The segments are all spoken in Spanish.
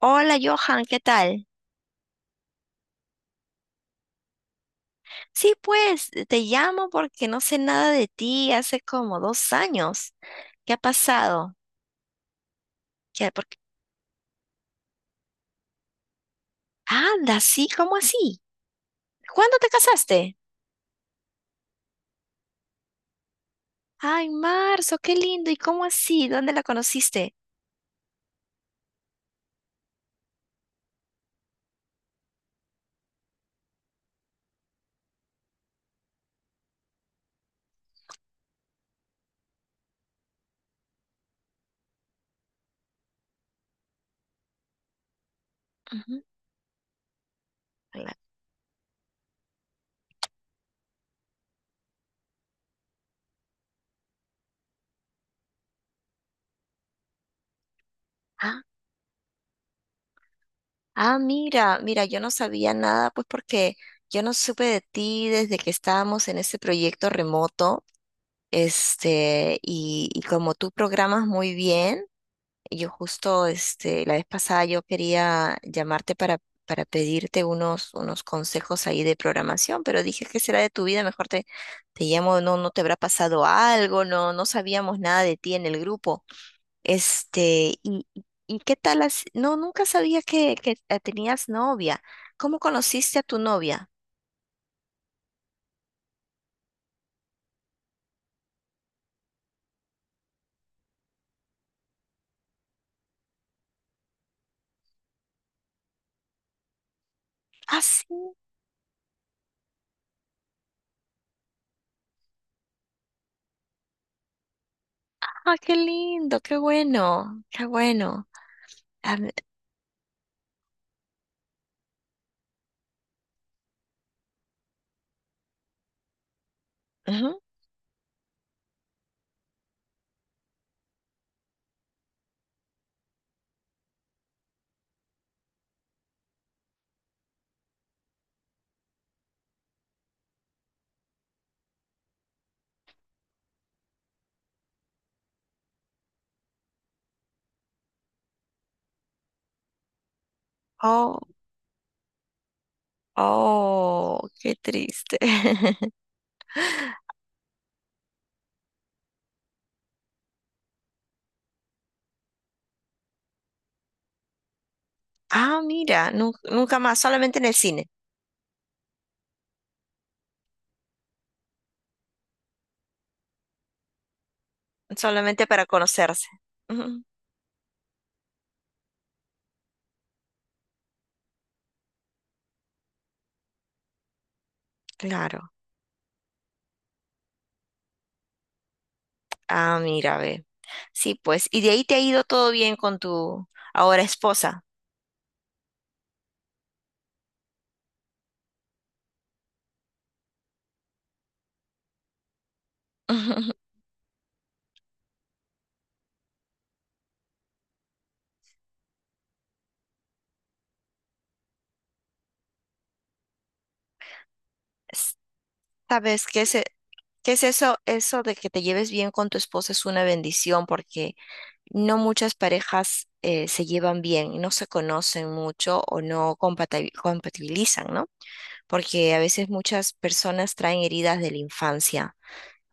Hola Johan, ¿qué tal? Sí, pues te llamo porque no sé nada de ti hace como 2 años. ¿Qué ha pasado? ¿Qué, por qué? Anda, sí, ¿cómo así? ¿Cuándo te casaste? Ay, marzo, qué lindo. ¿Y cómo así? ¿Dónde la conociste? Ujú. la- Ah, ah, mira, mira, yo no sabía nada, pues porque yo no supe de ti desde que estábamos en este proyecto remoto. Este, y como tú programas muy bien. Yo justo, este, la vez pasada yo quería llamarte para pedirte unos, unos consejos ahí de programación, pero dije, ¿qué será de tu vida? Mejor te, te llamo, no, no te habrá pasado algo, no, no sabíamos nada de ti en el grupo. Este, y qué tal, no, nunca sabía que, que tenías novia. ¿Cómo conociste a tu novia? Ah, sí, ah, qué lindo, qué bueno, qué bueno. Ah, ujú. Oh, oh, qué triste. Ah, mira, nunca más, solamente en el cine, solamente para conocerse. Ujú. Claro. Ah, mira, ve. Sí, pues, y de ahí te ha ido todo bien con tu ahora esposa. S- ¿Sabes qué es, qué es eso? Eso de que te lleves bien con tu esposa es una bendición porque no muchas parejas se llevan bien, no se conocen mucho o no compatibilizan, ¿no? Porque a veces muchas personas traen heridas de la infancia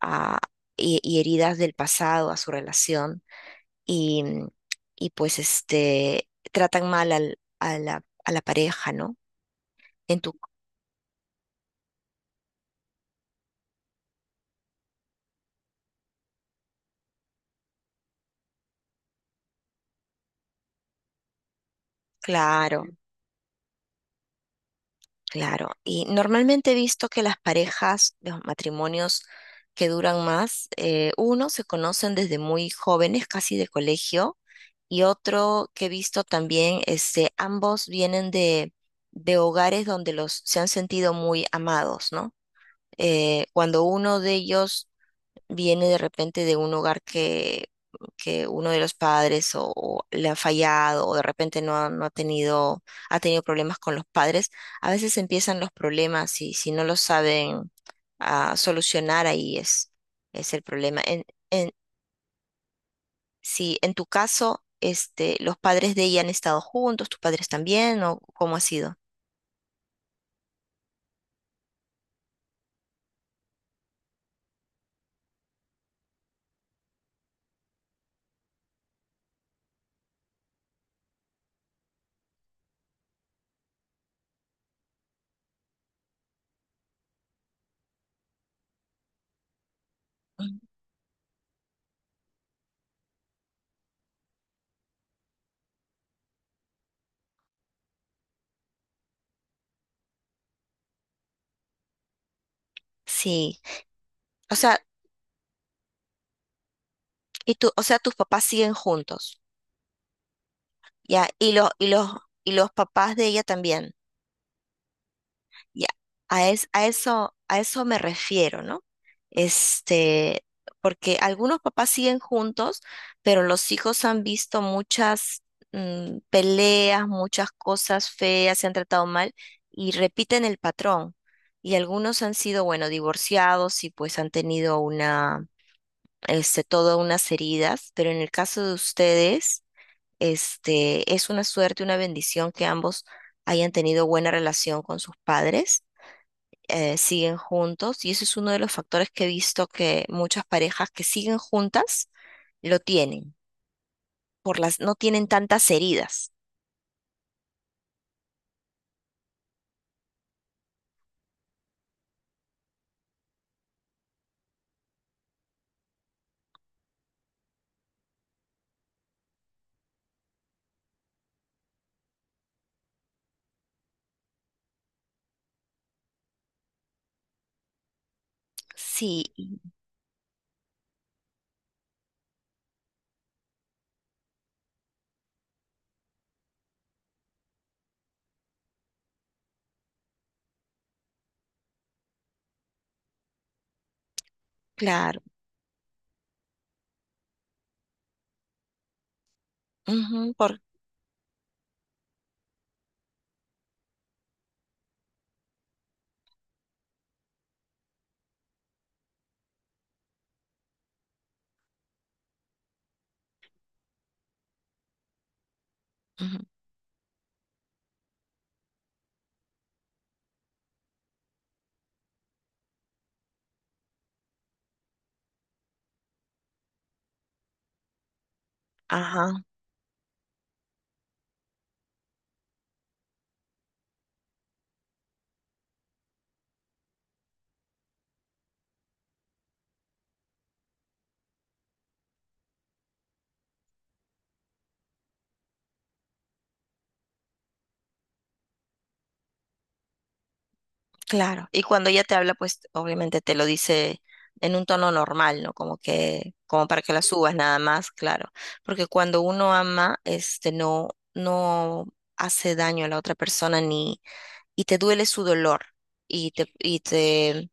a- y heridas del pasado a su relación y, y pues este, tratan mal a la pareja, ¿no? En tu, claro, claro. Y normalmente he visto que las parejas, los matrimonios que duran más, uno se conocen desde muy jóvenes, casi de colegio, y otro que he visto también, este, ambos vienen de hogares donde los se han sentido muy amados, ¿no? Cuando uno de ellos viene de repente de un hogar que uno de los padres o le ha fallado o de repente no ha, no ha tenido, ha tenido problemas con los padres, a veces empiezan los problemas y si no los saben solucionar, ahí es el problema. En, si en tu caso, este, los padres de ella han estado juntos, tus padres también, ¿o cómo ha sido? Mm. Sí, o sea, y tú, o sea, tus papás siguen juntos, ¿ya? Y los, y los, y los papás de ella también. Ya, a, a eso me refiero, ¿no? Este, porque algunos papás siguen juntos, pero los hijos han visto muchas mm, peleas, muchas cosas feas, se han tratado mal y repiten el patrón. Y algunos han sido, bueno, divorciados y pues han tenido una, este, todas unas heridas, pero en el caso de ustedes, este, es una suerte, una bendición que ambos hayan tenido buena relación con sus padres siguen juntos y ese es uno de los factores que he visto que muchas parejas que siguen juntas lo tienen, no tienen tantas heridas. Sí, y claro. Ujú, ujú, ajá, claro. Y cuando ella te habla, pues obviamente te lo dice en un tono normal, ¿no? Como que, como para que la subas nada más, claro. Porque cuando uno ama, este, no, no hace daño a la otra persona ni, y te duele su dolor y te, y te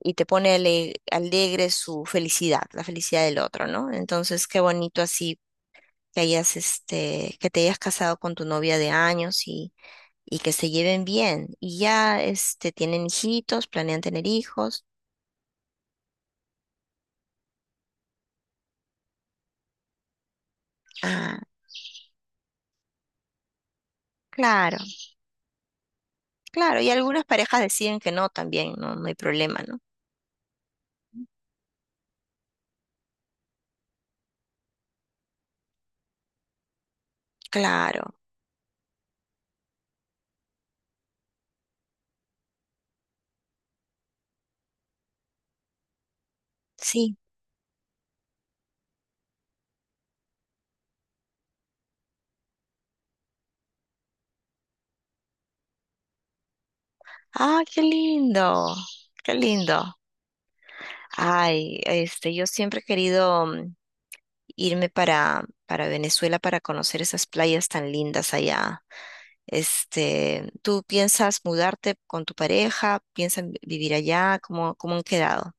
y te pone alegre su felicidad, la felicidad del otro, ¿no? Entonces, qué bonito así que hayas, este, que te hayas casado con tu novia de años y que se lleven bien. Y ya, este, tienen hijitos, ¿planean tener hijos? Ah, claro, claro. Y algunas parejas deciden que no también, no, no hay problema, ¿no? Claro, sí. Ah, qué lindo, qué lindo. Ay, este, yo siempre he querido mm, irme para Venezuela para conocer esas playas tan lindas allá. Este, ¿tú piensas mudarte con tu pareja? ¿Piensan vivir allá? ¿Cómo, cómo han quedado?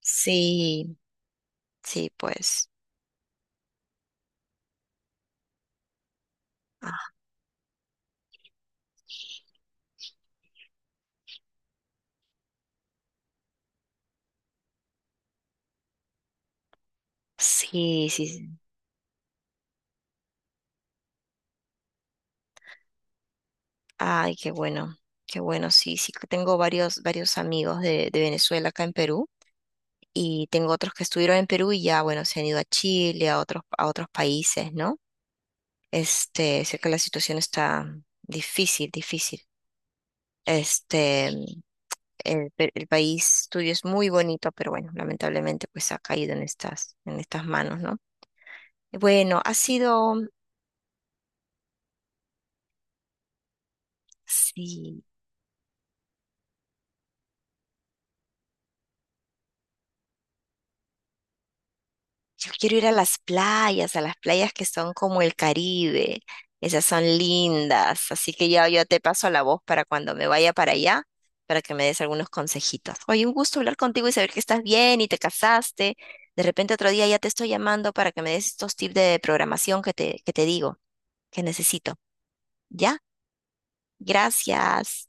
Sí, sí, pues. Ah, sí, sí, sí. Ay, qué bueno, qué bueno. Sí, sí, que tengo varios, varios amigos de Venezuela acá en Perú, y tengo otros que estuvieron en Perú y ya, bueno, se han ido a Chile, a otros países, ¿no? Este, sé que la situación está difícil, difícil. Este, el, el país tuyo es muy bonito, pero bueno, lamentablemente pues ha caído en estas manos, ¿no? Bueno, ha sido, sí, yo quiero ir a las playas que son como el Caribe. Esas son lindas. Así que ya yo te paso la voz para cuando me vaya para allá, para que me des algunos consejitos. Oye, un gusto hablar contigo y saber que estás bien y te casaste. De repente otro día ya te estoy llamando para que me des estos tips de programación que te digo, que necesito. ¿Ya? Gracias.